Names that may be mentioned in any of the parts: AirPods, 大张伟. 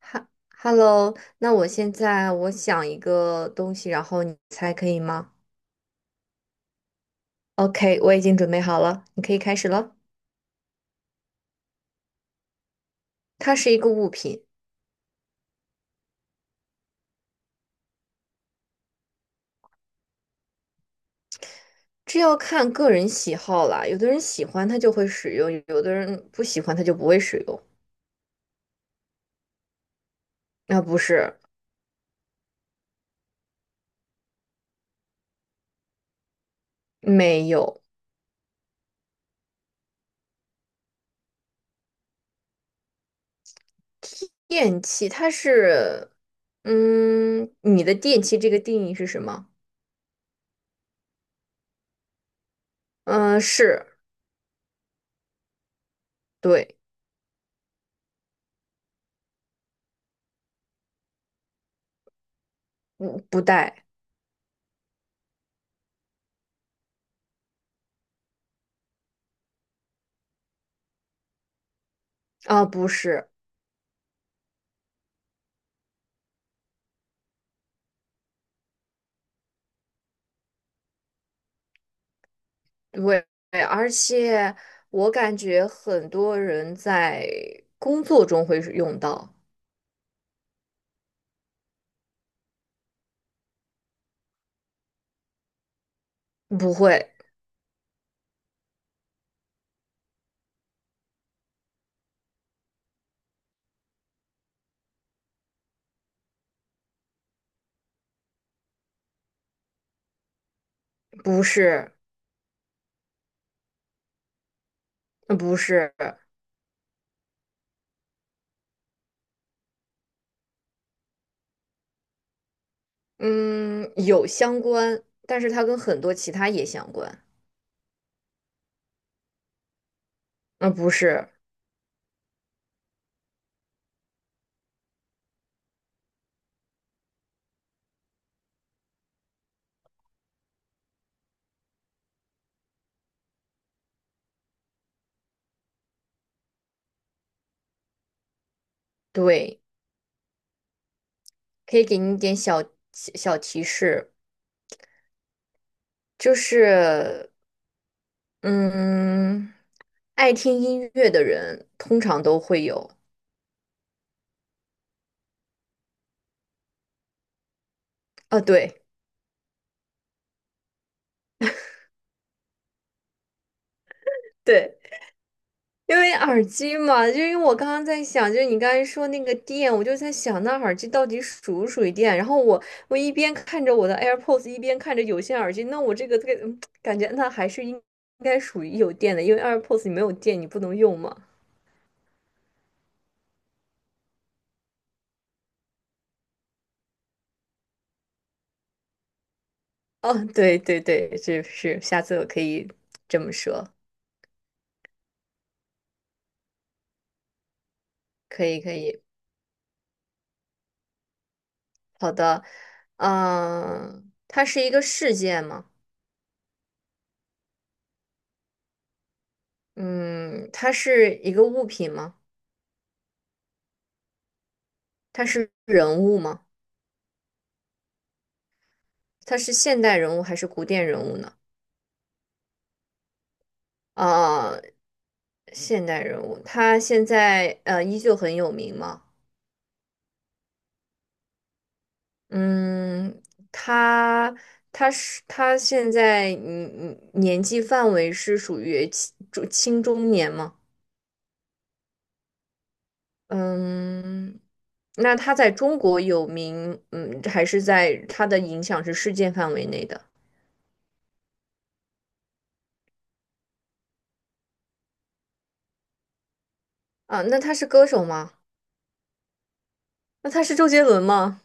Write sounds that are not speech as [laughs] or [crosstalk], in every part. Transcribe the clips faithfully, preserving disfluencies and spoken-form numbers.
哈，Hello，那我现在我想一个东西，然后你猜可以吗？OK，我已经准备好了，你可以开始了。它是一个物品，这要看个人喜好啦。有的人喜欢它就会使用，有的人不喜欢它就不会使用。啊，不是，没有电器，它是，嗯，你的电器这个定义是什么？嗯，是，对，不不带啊，不是。对，而且我感觉很多人在工作中会是用到，不会，不是，嗯不是，嗯，有相关，但是它跟很多其他也相关，嗯，不是，对，可以给你一点小小提示，就是，嗯，爱听音乐的人通常都会有，啊，对，对。因为耳机嘛，就因为我刚刚在想，就是你刚才说那个电，我就在想那耳机到底属不属于电。然后我我一边看着我的 AirPods，一边看着有线耳机，那我这个这个嗯 [tsk] 感觉那还是应应该属于有电的，因为 AirPods 你没有电你不能用嘛。哦，对对对，这是下次我可以这么说，可以可以，好的，嗯、它是一个事件吗？嗯，它是一个物品吗？它是人物吗？他是现代人物还是古典人物呢？啊、现代人物，他现在呃依旧很有名吗？嗯，他他是他现在嗯嗯年纪范围是属于青中青中年吗？嗯，那他在中国有名，嗯，还是在他的影响是世界范围内的啊？那他是歌手吗？那他是周杰伦吗？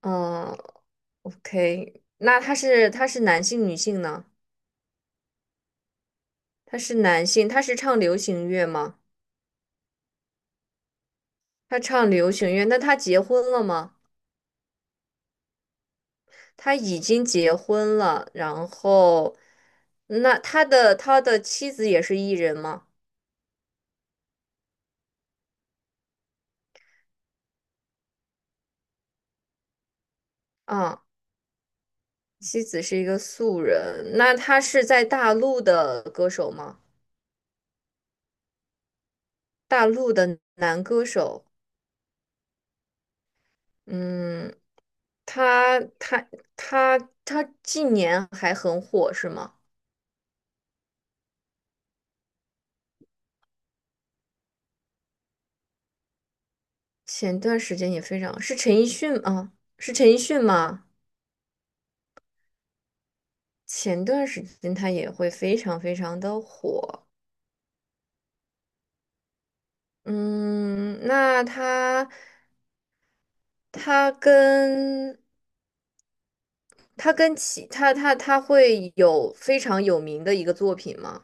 嗯，OK，那他是他是男性女性呢？他是男性，他是唱流行乐吗？他唱流行乐，那他结婚了吗？他已经结婚了，然后，那他的他的妻子也是艺人吗？啊，妻子是一个素人，那他是在大陆的歌手吗？大陆的男歌手，嗯，他他他他近年还很火是吗？前段时间也非常，是陈奕迅啊，是陈奕迅吗？前段时间他也会非常非常的火。嗯，那他他跟他跟其他他他会有非常有名的一个作品吗？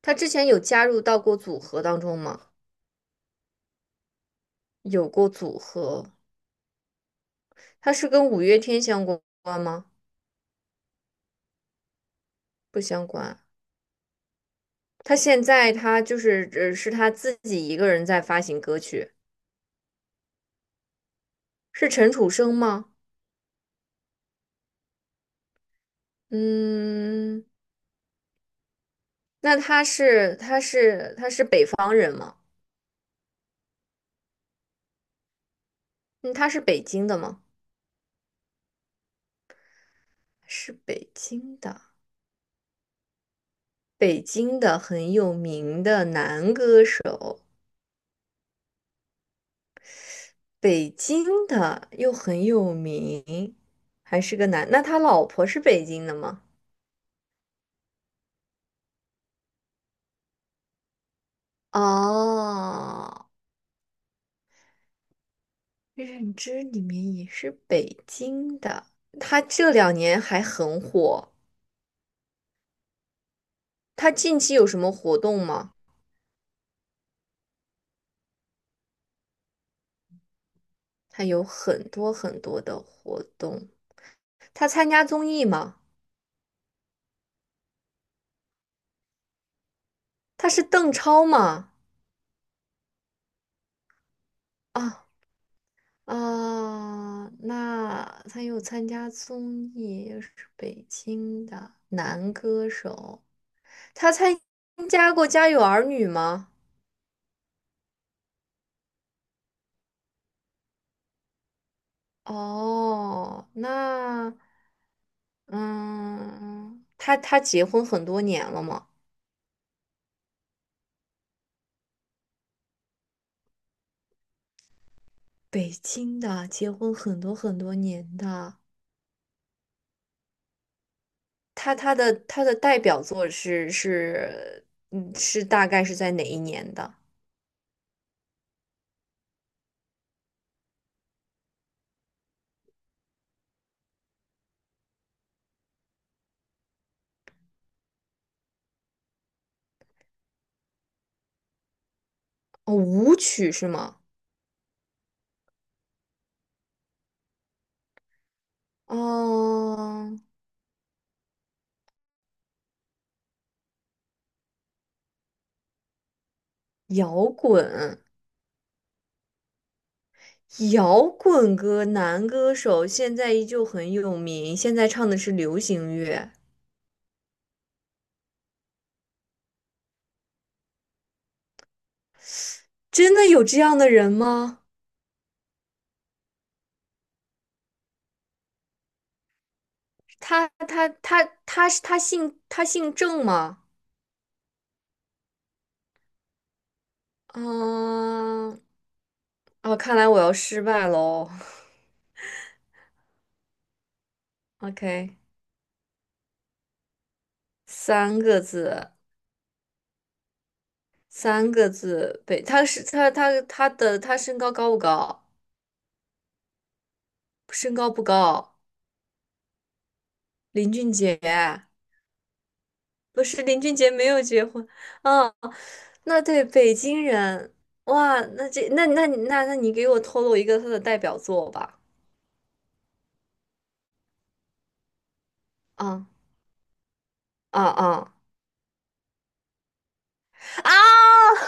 他之前有加入到过组合当中吗？有过组合，他是跟五月天相关吗？不相关。他现在他就是呃是他自己一个人在发行歌曲，是陈楚生吗？嗯，那他是他是他是北方人吗？嗯，他是北京的吗？是北京的，北京的很有名的男歌手，北京的又很有名，还是个男。那他老婆是北京的吗？哦，认知里面也是北京的。他这两年还很火，他近期有什么活动吗？他有很多很多的活动。他参加综艺吗？他是邓超吗？啊啊，那他又参加综艺，又是北京的男歌手。他参加过《家有儿女》吗？哦，那嗯，他他结婚很多年了吗？北京的，结婚很多很多年的。他他的他的代表作是是嗯是大概是在哪一年的？哦，舞曲是吗？哦，摇滚，摇滚歌男歌手现在依旧很有名，现在唱的是流行乐。真的有这样的人吗？他他他他是他姓他姓郑吗？嗯，哦，看来我要失败喽。OK，三个字，三个字，北，他是他他他的他身高高不高？身高不高，林俊杰。不是林俊杰没有结婚，啊？那对北京人，哇，那这那那那那你给我透露一个他的代表作吧？啊啊啊啊！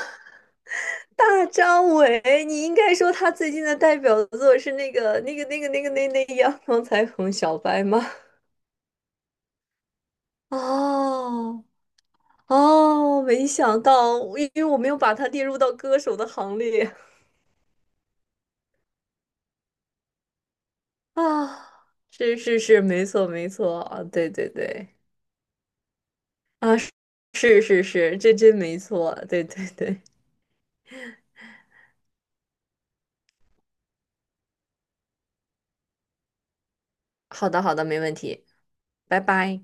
大张伟，你应该说他最近的代表作是那个那个那个那个那那阳光彩虹小白吗？[laughs] 哦哦，没想到，因为我没有把他列入到歌手的行列 [laughs] 啊。是是是，没错没错啊，对对对。啊，是是是，这真没错，对对对，[laughs] 好的好的，没问题，拜拜。